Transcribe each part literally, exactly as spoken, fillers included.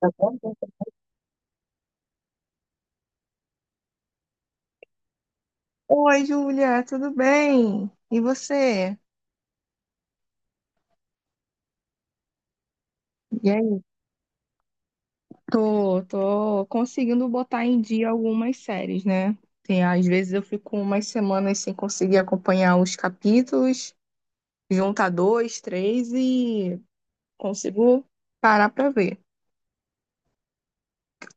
Tá bom? Oi, Júlia, tudo bem? E você? E aí? Tô, tô conseguindo botar em dia algumas séries, né? Tem, às vezes eu fico umas semanas sem conseguir acompanhar os capítulos, juntar dois, três e consigo parar pra ver.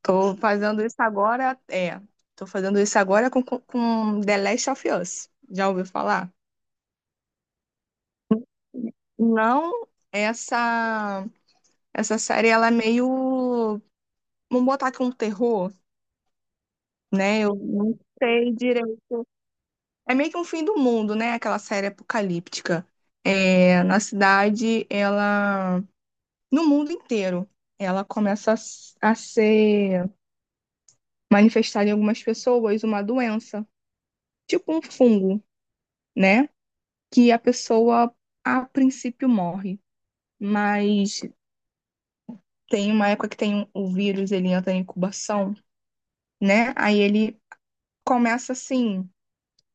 Tô fazendo isso agora, é, Tô fazendo isso agora com, com com The Last of Us. Já ouviu falar? Não, essa essa série ela é meio. Vamos botar aqui um terror, né? Eu não sei direito. É meio que um fim do mundo, né? Aquela série apocalíptica. É, na cidade, ela. No mundo inteiro, ela começa a s- a ser manifestada em algumas pessoas uma doença, tipo um fungo, né? Que a pessoa, a princípio, morre. Mas tem uma época que tem um- o vírus, ele entra em incubação, né? Aí ele começa assim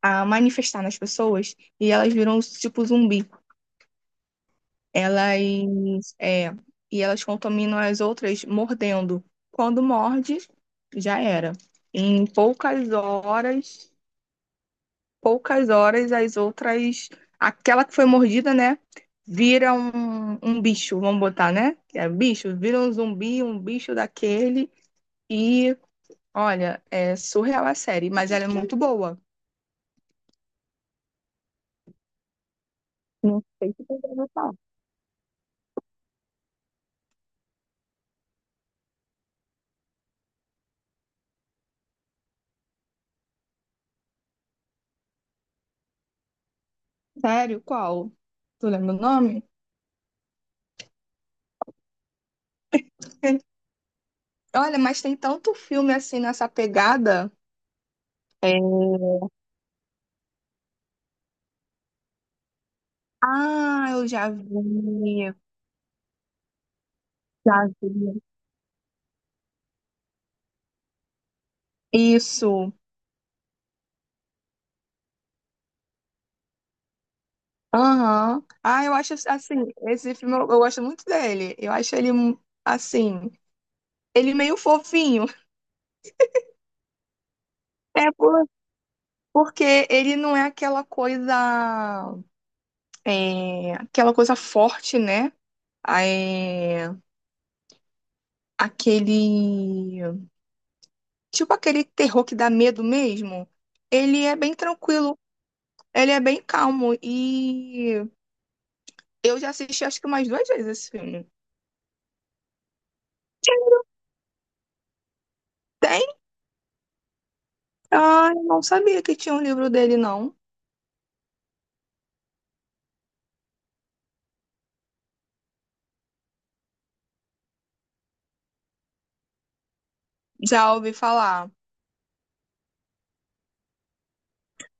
a manifestar nas pessoas e elas viram tipo zumbi. Elas é, e elas contaminam as outras mordendo. Quando morde, já era. Em poucas horas, poucas horas as outras, aquela que foi mordida, né, vira um, um bicho, vamos botar, né? É bicho, vira um zumbi, um bicho daquele e olha, é surreal a série, mas ela é muito boa. Sério, qual? Tu lembra o nome? Olha, mas tem tanto filme assim nessa pegada. É. Ah, eu já vi. Já vi. Isso. Aham. Ah, eu acho assim, esse filme eu, eu gosto muito dele. Eu acho ele assim, ele meio fofinho. É por- porque ele não é aquela coisa, é, aquela coisa forte, né? É, aquele, tipo aquele terror que dá medo mesmo. Ele é bem tranquilo. Ele é bem calmo e eu já assisti acho que umas duas vezes esse filme. Tem? Ah, eu não sabia que tinha um livro dele, não. Já ouvi falar.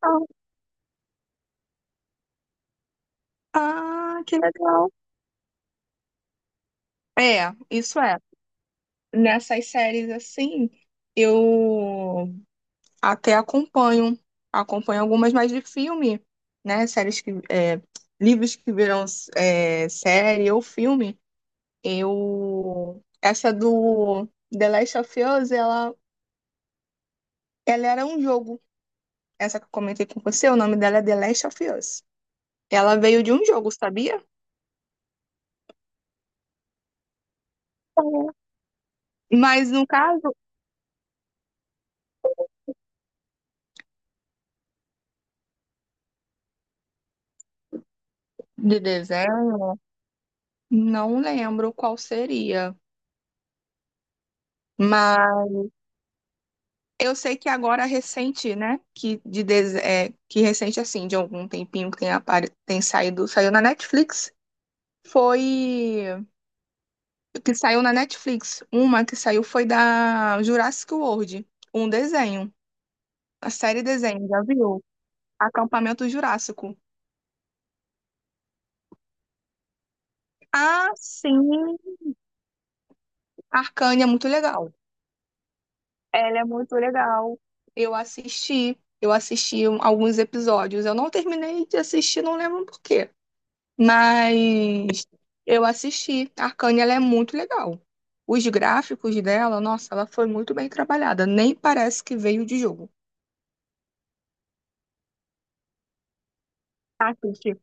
Ah, ah, que legal. É, isso é. Nessas séries assim, eu até acompanho. Acompanho algumas mais de filme, né? Séries que. é, livros que viram é, série ou filme. Eu. Essa do The Last of Us, ela, ela era um jogo. Essa que eu comentei com você, o nome dela é The Last of Us. Ela veio de um jogo, sabia? Mas no caso de desenho, não lembro qual seria. Mas eu sei que agora recente, né? Que, de des- é, que recente, assim, de algum tempinho que tem, apare... tem saído, saiu na Netflix. Foi. Que saiu na Netflix. Uma que saiu foi da Jurassic World. Um desenho. A série desenho, já viu? Acampamento Jurássico. Ah, sim! Arcane é muito legal. Ela é muito legal. Eu assisti, eu assisti um- alguns episódios. Eu não terminei de assistir, não lembro por quê. Mas eu assisti. A Arcane, ela é muito legal. Os gráficos dela, nossa, ela foi muito bem trabalhada. Nem parece que veio de jogo. Assiste.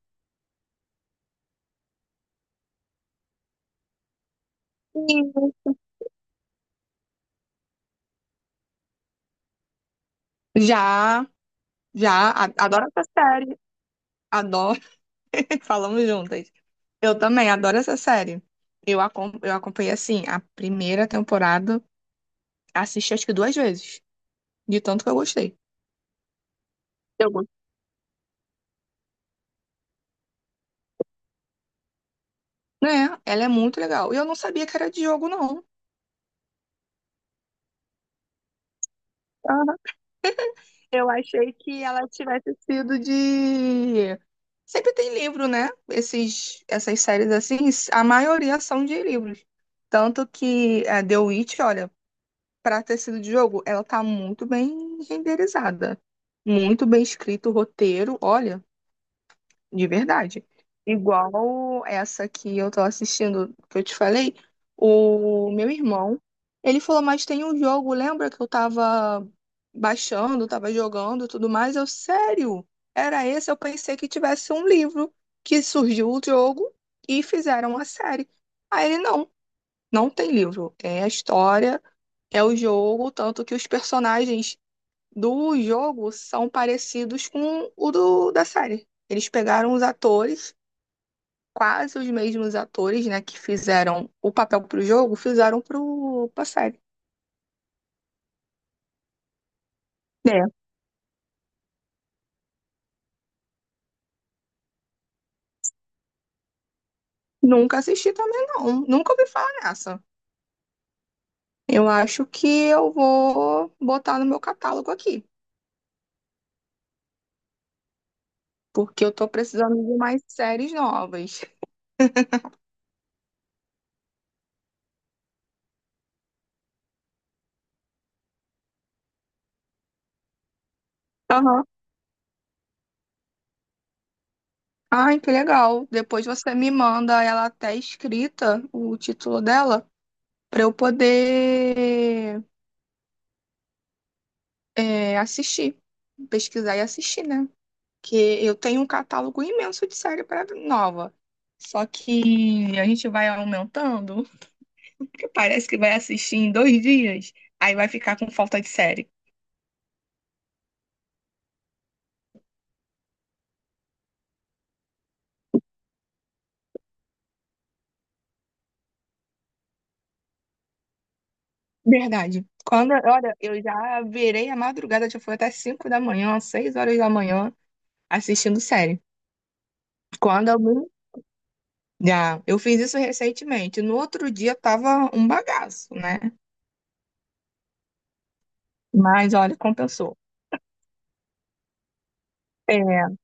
E Já, já, a- adoro essa série. Adoro, falamos juntas. Eu também adoro essa série. Eu, acom- eu acompanhei, assim, a primeira temporada. Assisti acho que duas vezes, de tanto que eu gostei. Eu, go- Né? Ela é muito legal. E eu não sabia que era de jogo, não. Aham. Eu achei que ela tivesse sido de. Sempre tem livro, né? Esses, essas séries assim, a maioria são de livros. Tanto que a The Witch, olha, pra ter sido de jogo, ela tá muito bem renderizada. Muito bem escrito o roteiro. Olha. De verdade. Igual essa que eu tô assistindo, que eu te falei, o meu irmão, ele falou, mas tem um jogo, lembra que eu tava baixando, tava jogando e tudo mais? Eu, sério? Era esse? Eu pensei que tivesse um livro, que surgiu o jogo e fizeram a série. Aí ele, não, não tem livro. É a história, é o jogo, tanto que os personagens do jogo são parecidos com o do, da série. Eles pegaram os atores quase os mesmos atores, né, que fizeram o papel pro jogo, fizeram pro, pra série. É. Nunca assisti também, não. Nunca ouvi falar nessa. Eu acho que eu vou botar no meu catálogo aqui, porque eu tô precisando de mais séries novas. Aham. Ai, que legal. Depois você me manda ela até escrita, o título dela, pra eu poder é, assistir, pesquisar e assistir, né? Que eu tenho um catálogo imenso de série para nova. Só que a gente vai aumentando, porque parece que vai assistir em dois dias, aí vai ficar com falta de série. Verdade. Quando, olha, eu já virei a madrugada, já foi até cinco da manhã, seis horas da manhã, assistindo série. Quando eu me- Já, eu fiz isso recentemente. No outro dia tava um bagaço, né? Mas olha, compensou. É,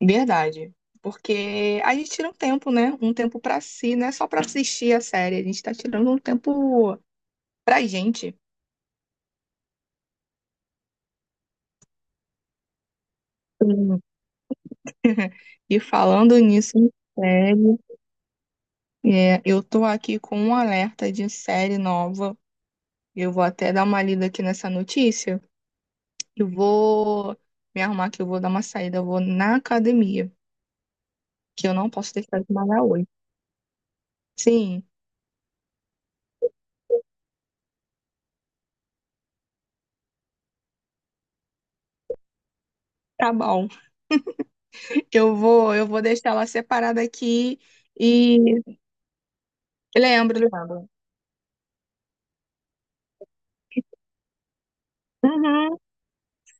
verdade. Porque a gente tira um tempo, né? Um tempo pra si, não é só pra assistir a série, a gente tá tirando um tempo pra gente. Sim. E falando nisso, em série, é, eu tô aqui com um alerta de série nova. Eu vou até dar uma lida aqui nessa notícia. Eu vou me arrumar que eu vou dar uma saída, eu vou na academia, que eu não posso deixar de malhar hoje. Sim, tá bom. Eu vou, eu vou deixar ela separada aqui e lembro, lembro. Uhum.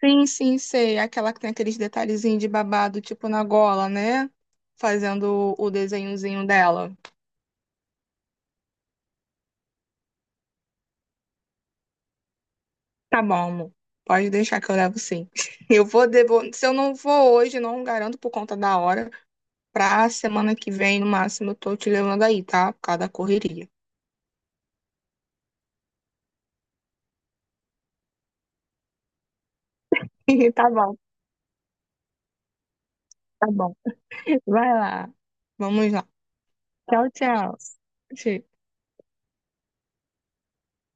Sim, sim, sei. Aquela que tem aqueles detalhezinhos de babado, tipo na gola, né? Fazendo o desenhozinho dela. Tá bom, amor. Pode deixar que eu levo sim. Eu vou Devo. Se eu não vou hoje, não garanto por conta da hora. Pra semana que vem, no máximo, eu tô te levando aí, tá? Por causa da correria. Tá bom, tá bom. Vai lá. Vamos lá. Tchau, tchau. Tchau.